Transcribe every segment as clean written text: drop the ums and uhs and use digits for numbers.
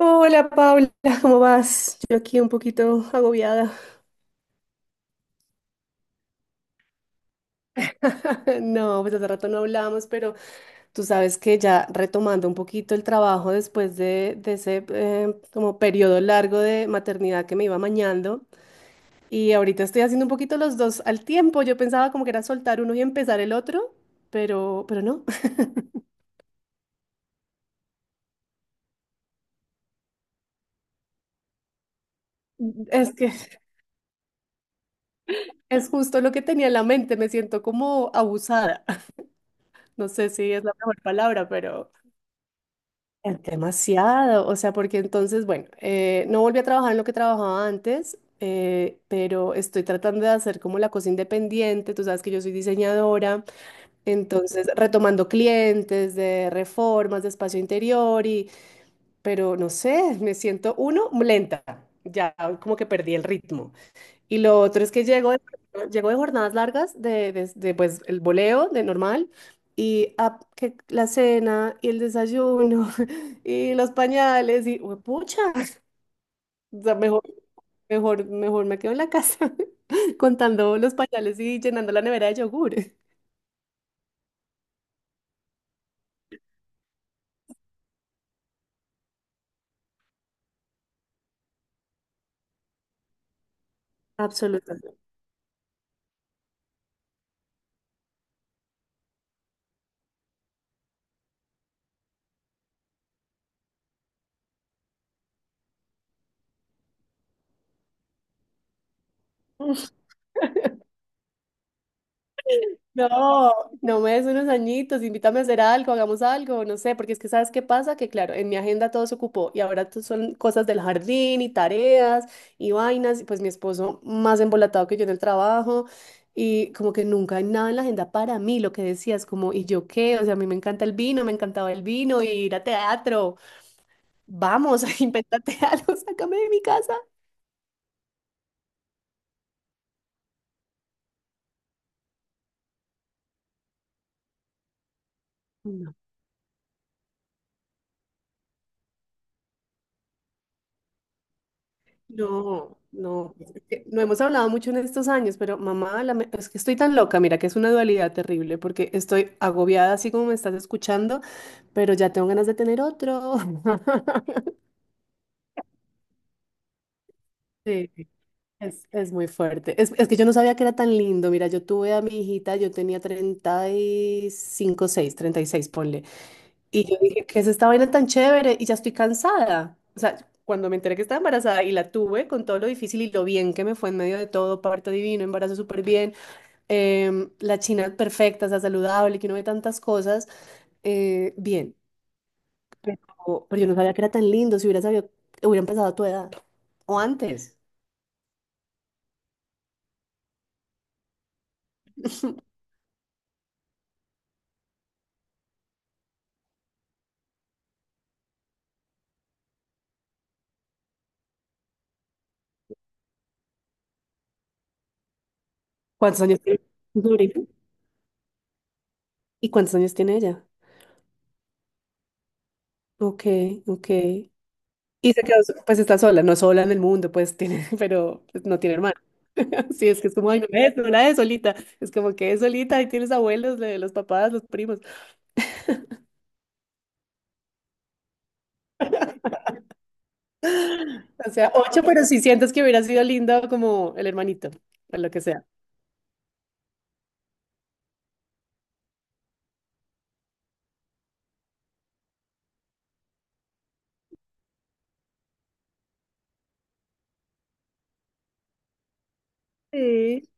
Hola Paula, ¿cómo vas? Yo aquí un poquito agobiada. No, pues hace rato no hablamos, pero tú sabes que ya retomando un poquito el trabajo después de ese como periodo largo de maternidad que me iba mañando y ahorita estoy haciendo un poquito los dos al tiempo. Yo pensaba como que era soltar uno y empezar el otro, pero no. Es que es justo lo que tenía en la mente, me siento como abusada. No sé si es la mejor palabra, pero. Es demasiado, o sea, porque entonces, bueno, no volví a trabajar en lo que trabajaba antes, pero estoy tratando de hacer como la cosa independiente, tú sabes que yo soy diseñadora, entonces retomando clientes de reformas, de espacio interior pero no sé, me siento uno lenta, ya como que perdí el ritmo. Y lo otro es que llego de jornadas largas, pues el voleo, de normal, y ah, que la cena y el desayuno y los pañales y pucha, o sea, mejor, mejor, mejor me quedo en la casa contando los pañales y llenando la nevera de yogur. Absolutamente. No, no me des unos añitos, invítame a hacer algo, hagamos algo, no sé, porque es que sabes qué pasa, que claro, en mi agenda todo se ocupó y ahora son cosas del jardín y tareas y vainas, y pues mi esposo más embolatado que yo en el trabajo y como que nunca hay nada en la agenda para mí, lo que decías, como, ¿y yo qué? O sea, a mí me encanta el vino, me encantaba el vino, ir a teatro, vamos, invéntate algo, sácame de mi casa. No, no, es que no hemos hablado mucho en estos años, pero mamá, es que estoy tan loca, mira que es una dualidad terrible, porque estoy agobiada así como me estás escuchando, pero ya tengo ganas de tener otro. Sí, es muy fuerte. Es que yo no sabía que era tan lindo. Mira, yo tuve a mi hijita, yo tenía 35, seis, 36, ponle. Y yo dije, ¿qué es esta vaina tan chévere? Y ya estoy cansada. O sea, cuando me enteré que estaba embarazada y la tuve con todo lo difícil y lo bien que me fue en medio de todo, parto divino, embarazo súper bien, la china perfecta, o sea, saludable, que no ve tantas cosas, bien. Pero yo no sabía que era tan lindo, si hubiera sabido, hubiera empezado a tu edad o antes. ¿Cuántos años tiene tu sobrina? ¿Y cuántos años tiene ella? Ok, ok. Y se quedó, pues está sola, no sola en el mundo, pues tiene, pero pues, no tiene hermano. Sí, es que es como, ay, no no es, no la es solita. Es como que es solita y tienes abuelos, los papás, los primos. O sea, ocho, pero si sientes que hubiera sido lindo como el hermanito, o lo que sea. Sí.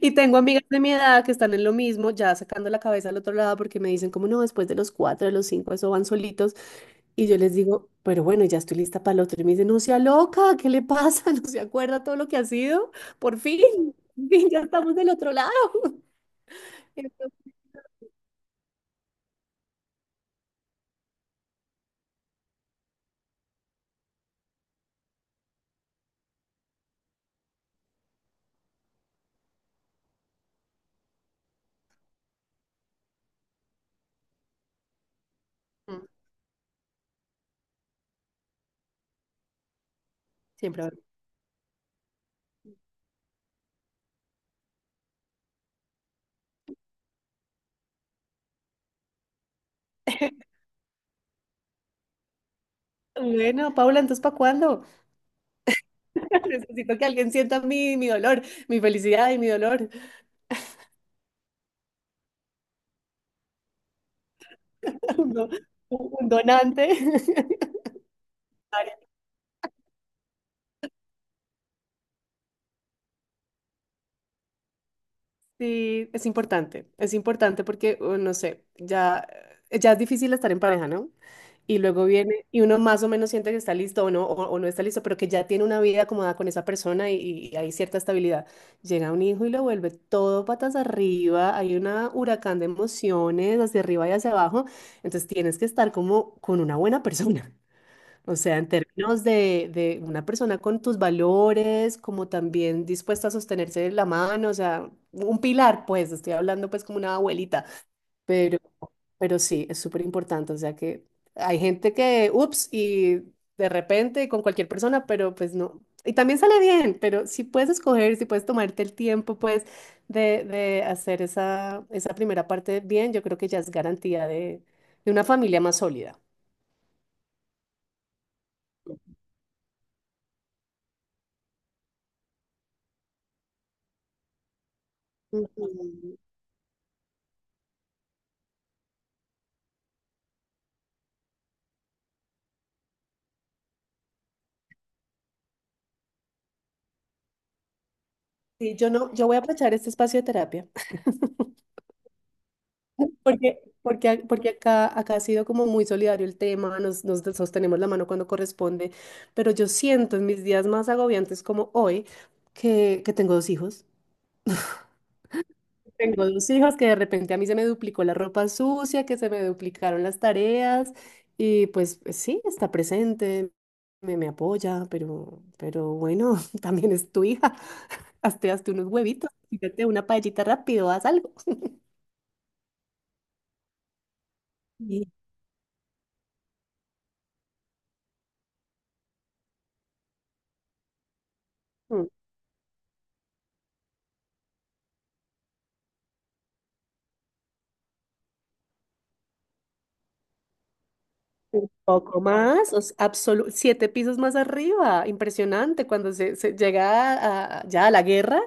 Y tengo amigas de mi edad que están en lo mismo, ya sacando la cabeza al otro lado porque me dicen como no, después de los cuatro, de los cinco, eso van solitos. Y yo les digo, pero bueno, ya estoy lista para el otro. Y me dicen, no sea loca, ¿qué le pasa? ¿No se acuerda todo lo que ha sido? Por fin, por fin, ya estamos del otro lado. Entonces, mm, siempre. Bueno, Paula, ¿entonces para cuándo? Necesito que alguien sienta mi, mi dolor, mi felicidad y mi dolor. Un, do- un donante. Sí, es importante porque, no sé, ya, ya es difícil estar en pareja, ¿no? Y luego viene, y uno más o menos siente que está listo o no está listo, pero que ya tiene una vida acomodada con esa persona y hay cierta estabilidad. Llega un hijo y lo vuelve todo patas arriba, hay un huracán de emociones hacia arriba y hacia abajo, entonces tienes que estar como con una buena persona. O sea, en términos de una persona con tus valores, como también dispuesta a sostenerse de la mano, o sea, un pilar, pues, estoy hablando pues como una abuelita, pero, pero sí, es súper importante, o sea que hay gente que, ups, y de repente con cualquier persona, pero pues no. Y también sale bien, pero si puedes escoger, si puedes tomarte el tiempo, pues, de hacer esa primera parte bien, yo creo que ya es garantía de una familia más sólida. Ujú. Sí, yo no, yo voy a aprovechar este espacio de terapia, porque acá ha sido como muy solidario el tema, nos sostenemos la mano cuando corresponde, pero yo siento en mis días más agobiantes como hoy que tengo dos hijos. Tengo dos hijos que de repente a mí se me duplicó la ropa sucia, que se me duplicaron las tareas y pues pues sí, está presente, me apoya, pero bueno, también es tu hija, hazte, hazte unos huevitos, fíjate una paellita rápido, haz algo. Sí. Un poco más, o sea, siete pisos más arriba, impresionante. Cuando se llega ya a la guerra,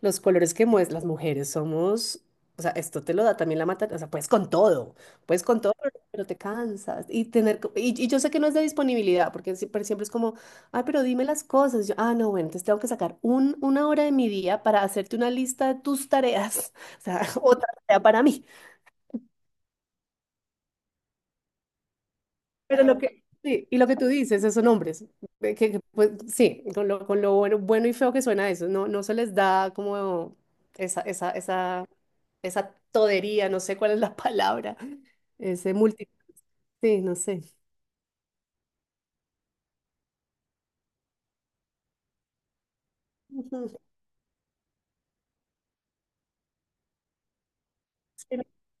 los colores que muestran las mujeres somos, o sea, esto te lo da también la mata, o sea, puedes con todo, pero te cansas. Y tener, y yo sé que no es de disponibilidad, porque siempre, siempre es como, ay, pero dime las cosas. Yo, ah, no, bueno, entonces tengo que sacar una hora de mi día para hacerte una lista de tus tareas, o sea, otra tarea para mí. Pero lo que, sí, y lo que tú dices, esos nombres, que, pues sí, con lo bueno, bueno y feo que suena eso, no, no se les da como esa, esa, esa, esa todería, no sé cuál es la palabra, ese multi, sí, no sé. Ujú, sí,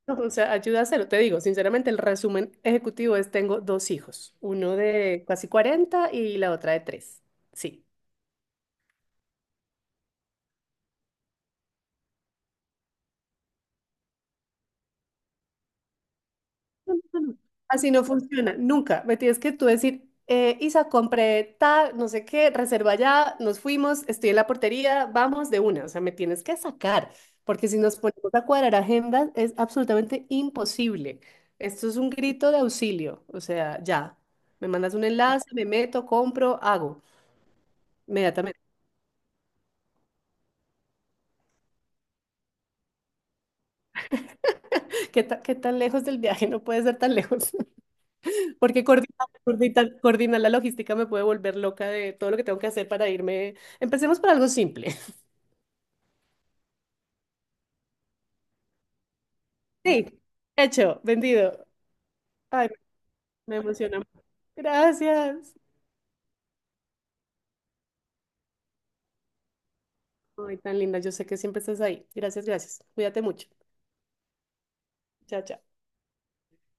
no, o sea, ayuda a hacerlo. Te digo, sinceramente, el resumen ejecutivo es, tengo dos hijos, uno de casi 40 y la otra de tres. Sí. Así no funciona, nunca. Me tienes que tú decir, Isa, compré tal, no sé qué, reserva ya, nos fuimos, estoy en la portería, vamos de una. O sea, me tienes que sacar, porque si nos ponemos a cuadrar agendas es absolutamente imposible. Esto es un grito de auxilio. O sea, ya, me mandas un enlace, me meto, compro, hago inmediatamente. ¿Qué tan lejos del viaje? No puede ser tan lejos. Porque coordinar la logística me puede volver loca de todo lo que tengo que hacer para irme. Empecemos por algo simple. Sí, hecho, vendido. Ay, me emociona. Gracias. Ay, tan linda. Yo sé que siempre estás ahí. Gracias, gracias. Cuídate mucho. Chao, chao.